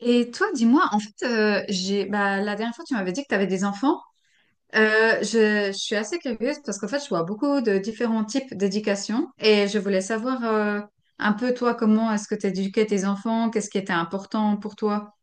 Et toi, dis-moi, en fait, j'ai, bah, la dernière fois, tu m'avais dit que tu avais des enfants. Je suis assez curieuse parce qu'en fait, je vois beaucoup de différents types d'éducation et je voulais savoir un peu, toi, comment est-ce que tu éduquais tes enfants, qu'est-ce qui était important pour toi?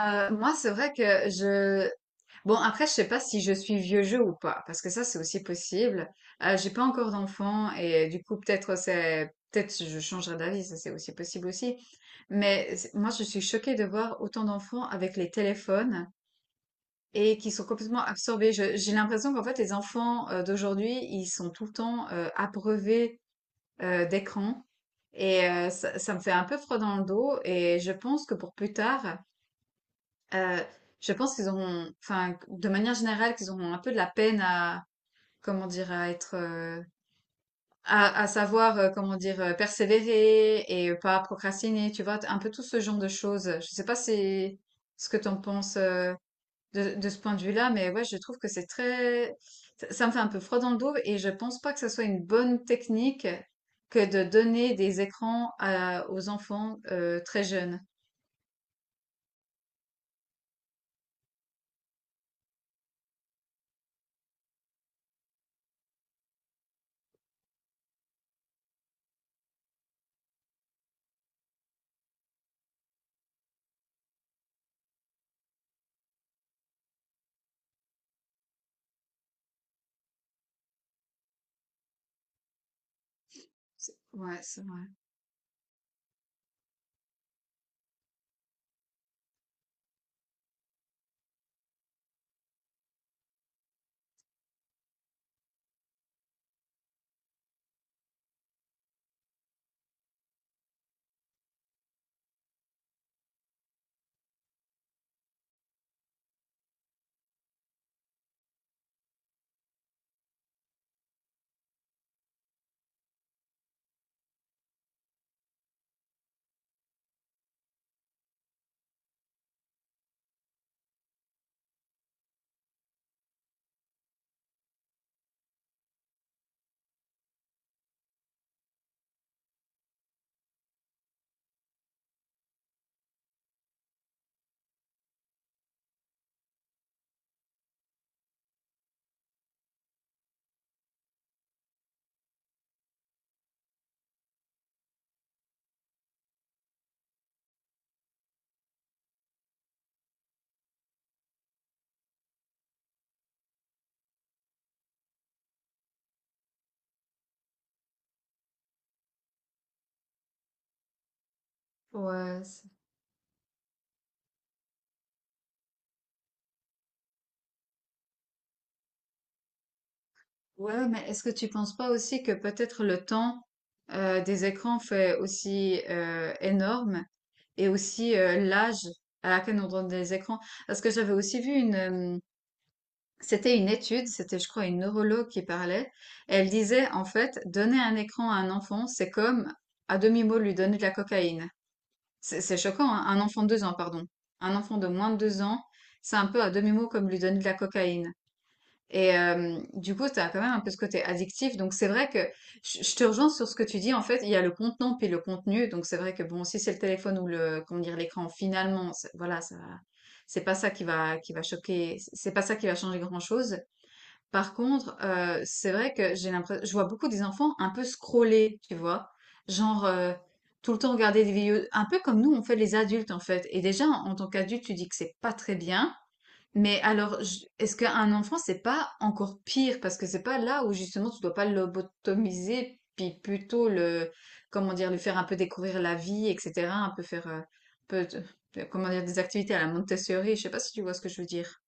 Moi, c'est vrai que je... Bon, après, je sais pas si je suis vieux jeu ou pas, parce que ça, c'est aussi possible. J'ai pas encore d'enfant et du coup, peut-être peut-être je changerai d'avis, ça c'est aussi possible aussi. Moi, je suis choquée de voir autant d'enfants avec les téléphones et qui sont complètement absorbés. J'ai l'impression qu'en fait, les enfants d'aujourd'hui, ils sont tout le temps abreuvés d'écran. Ça me fait un peu froid dans le dos. Et je pense que pour plus tard, euh, je pense qu'ils auront, enfin, de manière générale, qu'ils auront un peu de la peine à, comment dire, à être, à savoir, comment dire, persévérer et pas procrastiner, tu vois, un peu tout ce genre de choses. Je sais pas si ce que t'en penses de ce point de vue-là, mais ouais, je trouve que ça me fait un peu froid dans le dos et je pense pas que ce soit une bonne technique que de donner des écrans aux enfants très jeunes. Ouais, c'est vrai. Ouais, Ouais, mais est-ce que tu penses pas aussi que peut-être le temps des écrans fait aussi énorme et aussi l'âge à laquelle on donne des écrans? Parce que j'avais aussi vu une, euh, c'était une étude, c'était je crois une neurologue qui parlait. Elle disait en fait, donner un écran à un enfant, c'est comme à demi-mot lui donner de la cocaïne. C'est choquant, hein. Un enfant de deux ans, pardon. Un enfant de moins de deux ans, c'est un peu à demi-mot comme lui donner de la cocaïne. Et du coup, tu as quand même un peu ce côté addictif. Donc, c'est vrai que je te rejoins sur ce que tu dis. En fait, il y a le contenant puis le contenu. Donc, c'est vrai que bon, si c'est le téléphone ou le, comment dire, l'écran, finalement, voilà, c'est pas ça qui va choquer. C'est pas ça qui va changer grand-chose. Par contre, c'est vrai que j'ai l'impression, je vois beaucoup des enfants un peu scroller, tu vois, genre, tout le temps regarder des vidéos, un peu comme nous on fait les adultes en fait. Et déjà, en tant qu'adulte, tu dis que c'est pas très bien. Mais alors, est-ce qu'un enfant, c'est pas encore pire? Parce que c'est pas là où justement tu dois pas le lobotomiser, puis plutôt le, comment dire, lui faire un peu découvrir la vie, etc. Un peu faire, un peu, de- comment dire, des activités à la Montessori. Je sais pas si tu vois ce que je veux dire.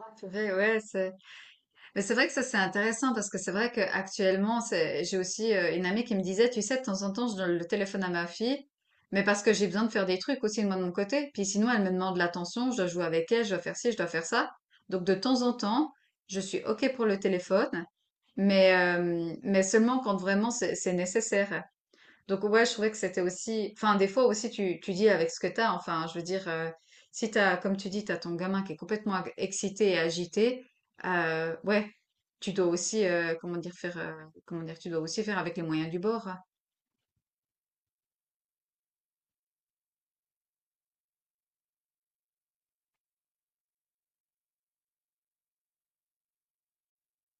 Ah, purée, ouais, mais c'est vrai que ça, c'est intéressant parce que c'est vrai qu'actuellement, j'ai aussi une amie qui me disait, tu sais, de temps en temps, je donne le téléphone à ma fille, mais parce que j'ai besoin de faire des trucs aussi, moi, de mon côté. Puis sinon, elle me demande l'attention, je dois jouer avec elle, je dois faire ci, je dois faire ça. Donc, de temps en temps, je suis OK pour le téléphone, mais seulement quand vraiment c'est nécessaire. Donc ouais, je trouvais que enfin, des fois aussi, tu dis avec ce que t'as. Enfin, je veux dire, si t'as, comme tu dis, t'as ton gamin qui est complètement excité et agité, ouais, tu dois aussi, comment dire, faire... comment dire, tu dois aussi faire avec les moyens du bord, hein.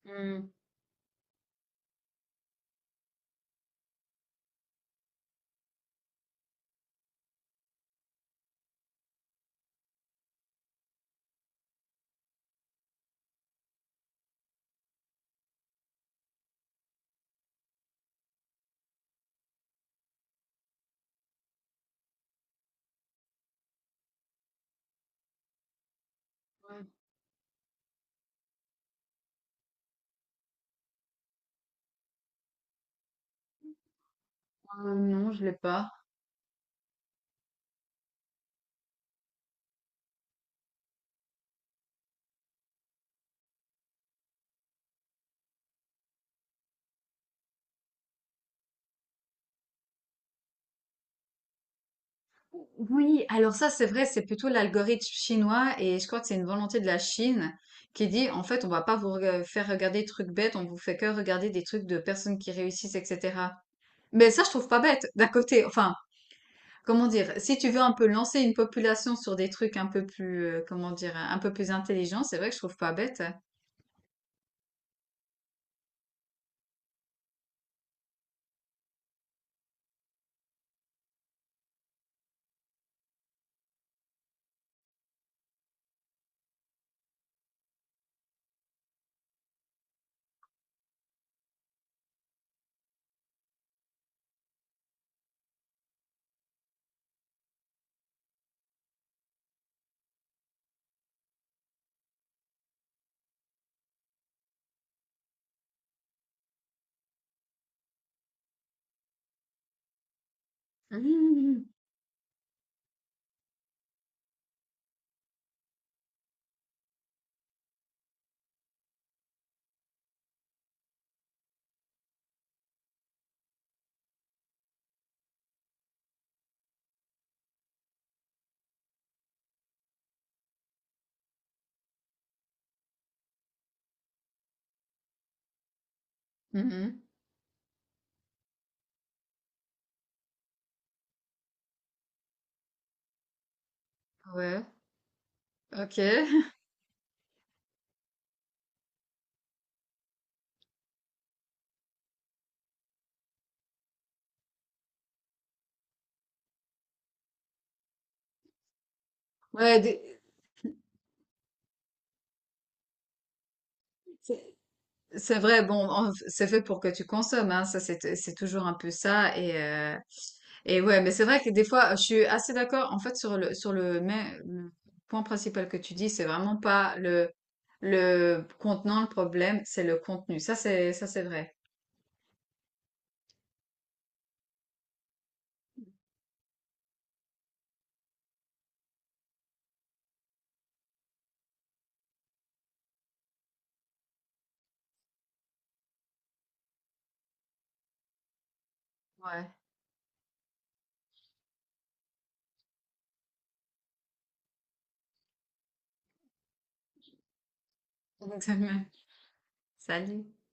Hmm. Ouais. Non, je l'ai pas. Oui, alors ça, c'est vrai, c'est plutôt l'algorithme chinois et je crois que c'est une volonté de la Chine qui dit, en fait, on va pas faire regarder des trucs bêtes, on vous fait que regarder des trucs de personnes qui réussissent, etc. Mais ça, je trouve pas bête, d'un côté. Enfin, comment dire, si tu veux un peu lancer une population sur des trucs un peu plus, comment dire, un peu plus intelligents, c'est vrai que je trouve pas bête. Mhm. Mhm. Ouais, ok. Ouais, des- c'est c'est vrai, c'est fait pour que tu consommes, hein, ça c'est toujours un peu ça. Et ouais, mais c'est vrai que des fois, je suis assez d'accord, en fait, sur le point principal que tu dis, c'est vraiment pas le contenant, le problème, c'est le contenu. Ça c'est vrai. Ouais. Exactement. Salut.